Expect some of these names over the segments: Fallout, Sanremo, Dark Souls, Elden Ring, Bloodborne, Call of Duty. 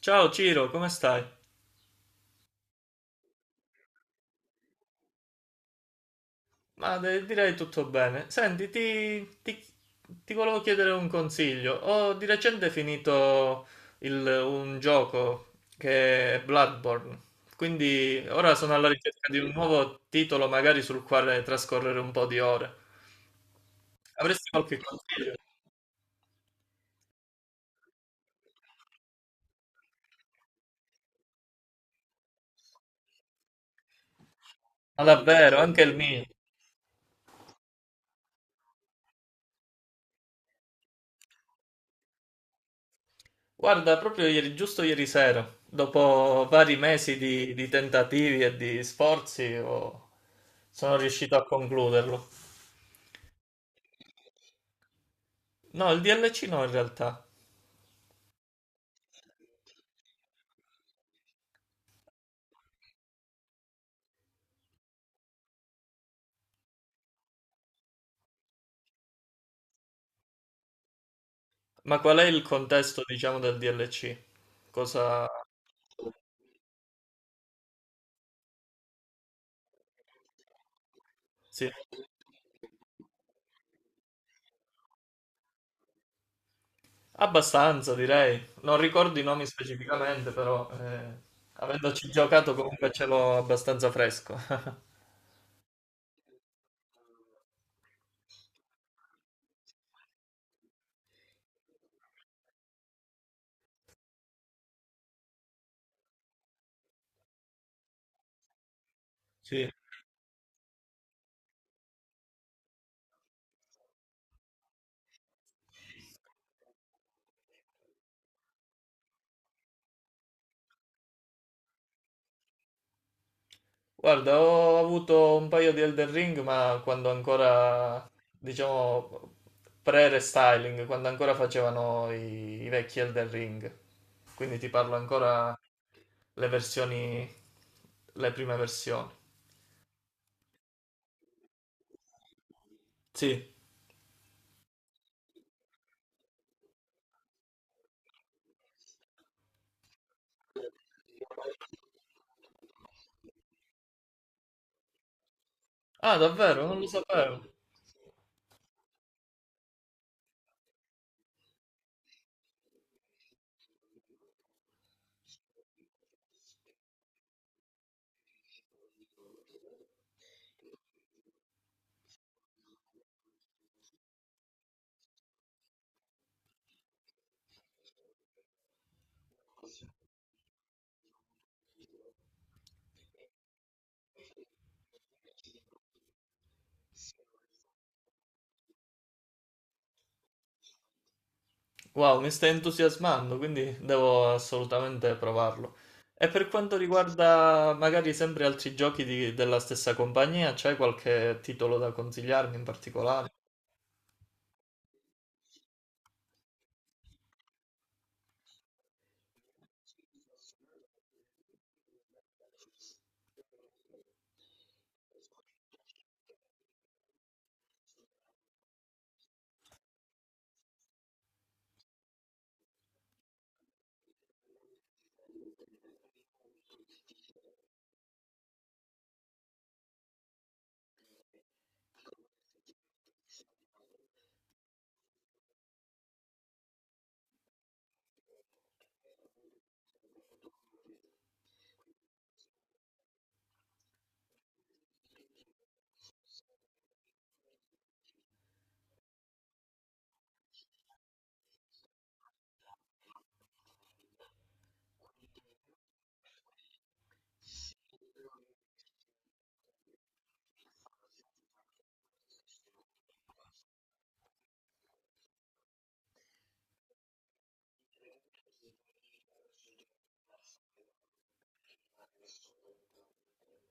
Ciao Ciro, come stai? Direi tutto bene. Senti, ti volevo chiedere un consiglio. Ho di recente finito un gioco che è Bloodborne, quindi ora sono alla ricerca di un nuovo titolo magari sul quale trascorrere un po' di ore. Avresti qualche consiglio? Ma davvero, anche il mio. Guarda, proprio ieri, giusto ieri sera, dopo vari mesi di tentativi e di sforzi, sono riuscito a concluderlo. No, il DLC no in realtà. Ma qual è il contesto, diciamo, del DLC? Cosa... Sì, abbastanza direi. Non ricordo i nomi specificamente, però avendoci giocato comunque ce l'ho abbastanza fresco. Sì. Guarda, ho avuto un paio di Elden Ring, ma quando ancora, diciamo, pre-restyling, quando ancora facevano i vecchi Elden Ring. Quindi ti parlo ancora le versioni, le prime versioni. Sì. Ah, davvero? Non lo sapevo. Wow, mi stai entusiasmando, quindi devo assolutamente provarlo. E per quanto riguarda magari sempre altri giochi della stessa compagnia, c'è qualche titolo da consigliarmi in particolare?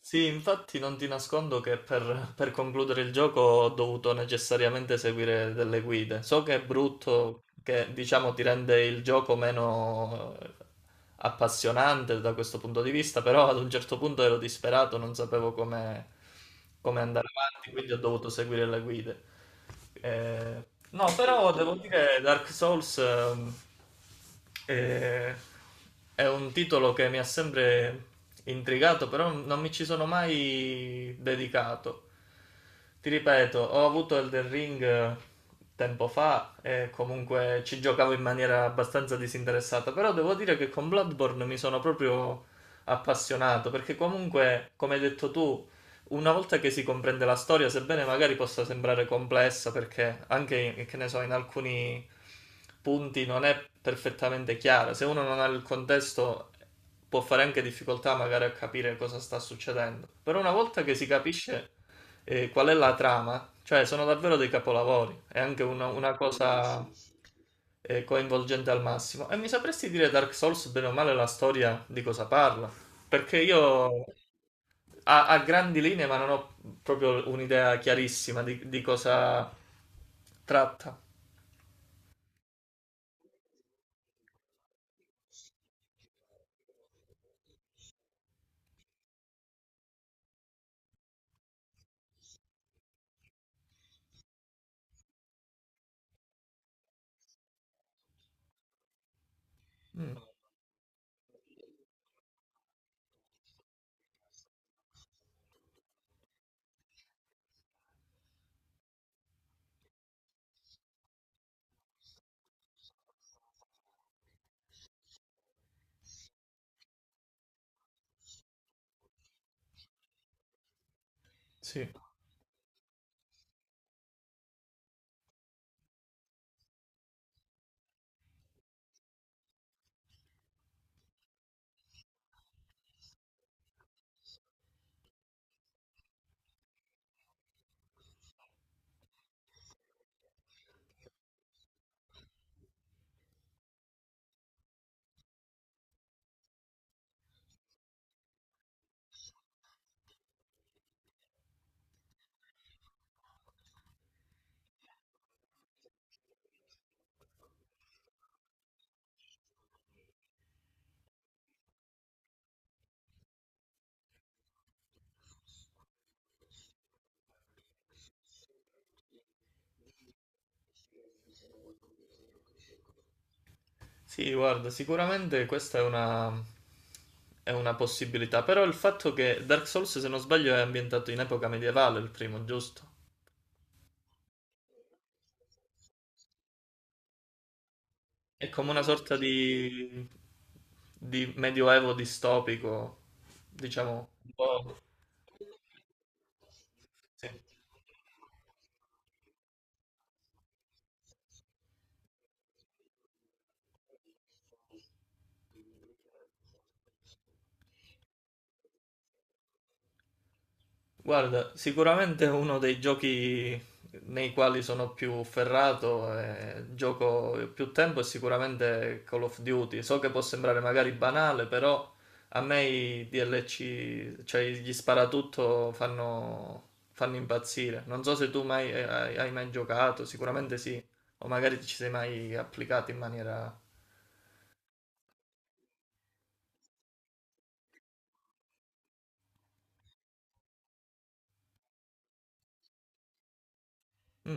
Sì, infatti non ti nascondo che per concludere il gioco ho dovuto necessariamente seguire delle guide. So che è brutto, che diciamo ti rende il gioco meno appassionante da questo punto di vista, però ad un certo punto ero disperato, non sapevo come, come andare avanti, quindi ho dovuto seguire le guide. Eh, No, però devo dire Dark Souls è, è un titolo che mi ha sempre intrigato, però non mi ci sono mai dedicato ti ripeto, ho avuto Elden Ring tempo fa e comunque ci giocavo in maniera abbastanza disinteressata, però devo dire che con Bloodborne mi sono proprio appassionato, perché comunque, come hai detto tu, una volta che si comprende la storia, sebbene magari possa sembrare complessa, perché anche, che ne so, in alcuni punti non è perfettamente chiara, se uno non ha il contesto può fare anche difficoltà magari a capire cosa sta succedendo, però una volta che si capisce e qual è la trama? Cioè, sono davvero dei capolavori. È anche una sì, cosa coinvolgente al massimo. E mi sapresti dire Dark Souls, bene o male, la storia di cosa parla? Perché io a grandi linee, ma non ho proprio un'idea chiarissima di cosa tratta. Sì. Sì, guarda, sicuramente questa è una possibilità. Però il fatto che Dark Souls, se non sbaglio, è ambientato in epoca medievale, il primo, giusto? È come una sorta di medioevo distopico, diciamo, un po', sì. Guarda, sicuramente uno dei giochi nei quali sono più ferrato e gioco più tempo è sicuramente Call of Duty. So che può sembrare magari banale, però a me i DLC, cioè gli sparatutto fanno, fanno impazzire. Non so se tu mai, hai mai giocato, sicuramente sì, o magari ci sei mai applicato in maniera... Mm.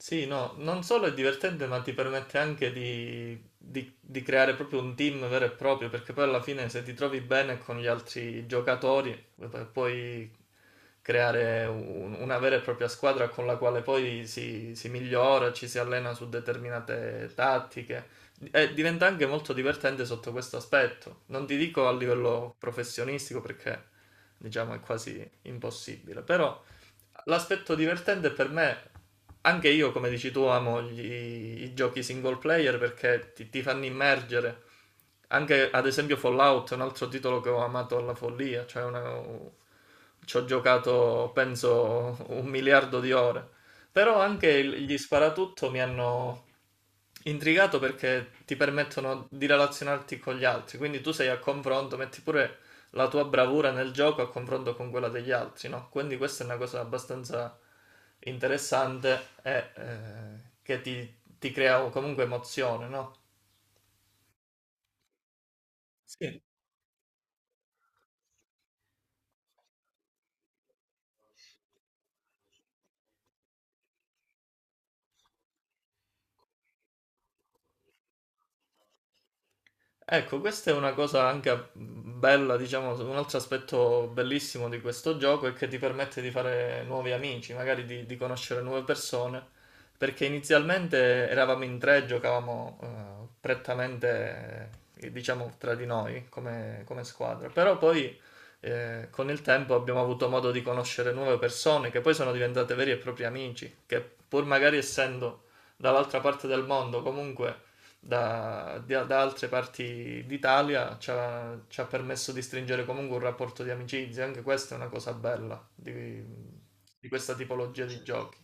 Sì, no, non solo è divertente, ma ti permette anche di creare proprio un team vero e proprio, perché poi alla fine se ti trovi bene con gli altri giocatori, puoi creare una vera e propria squadra con la quale poi si migliora, ci si allena su determinate tattiche. E diventa anche molto divertente sotto questo aspetto. Non ti dico a livello professionistico perché diciamo è quasi impossibile, però l'aspetto divertente per me, anche io come dici tu amo i giochi single player perché ti fanno immergere. Anche ad esempio Fallout è un altro titolo che ho amato alla follia, cioè ci ho giocato penso un miliardo di ore. Però anche gli sparatutto mi hanno intrigato perché ti permettono di relazionarti con gli altri, quindi tu sei a confronto, metti pure la tua bravura nel gioco a confronto con quella degli altri, no? Quindi questa è una cosa abbastanza interessante e che ti crea comunque emozione, no? Sì, ecco, questa è una cosa anche bella, diciamo, un altro aspetto bellissimo di questo gioco è che ti permette di fare nuovi amici, magari di conoscere nuove persone, perché inizialmente eravamo in tre, giocavamo prettamente, diciamo, tra di noi come, come squadra, però poi con il tempo abbiamo avuto modo di conoscere nuove persone che poi sono diventate veri e propri amici, che pur magari essendo dall'altra parte del mondo comunque da altre parti d'Italia ci ha permesso di stringere comunque un rapporto di amicizia, anche questa è una cosa bella di questa tipologia di giochi.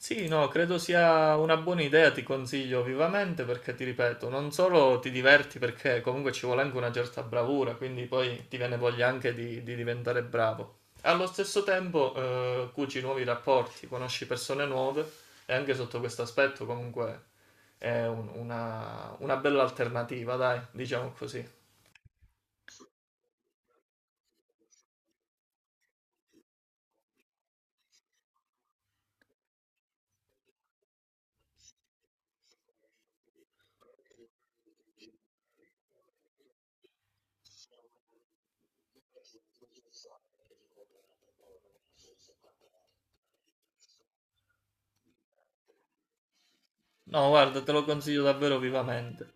Sì, no, credo sia una buona idea, ti consiglio vivamente perché ti ripeto, non solo ti diverti perché comunque ci vuole anche una certa bravura, quindi poi ti viene voglia anche di diventare bravo. Allo stesso tempo, cuci nuovi rapporti, conosci persone nuove e anche sotto questo aspetto comunque è una bella alternativa, dai, diciamo così. No, guarda, te lo consiglio davvero vivamente.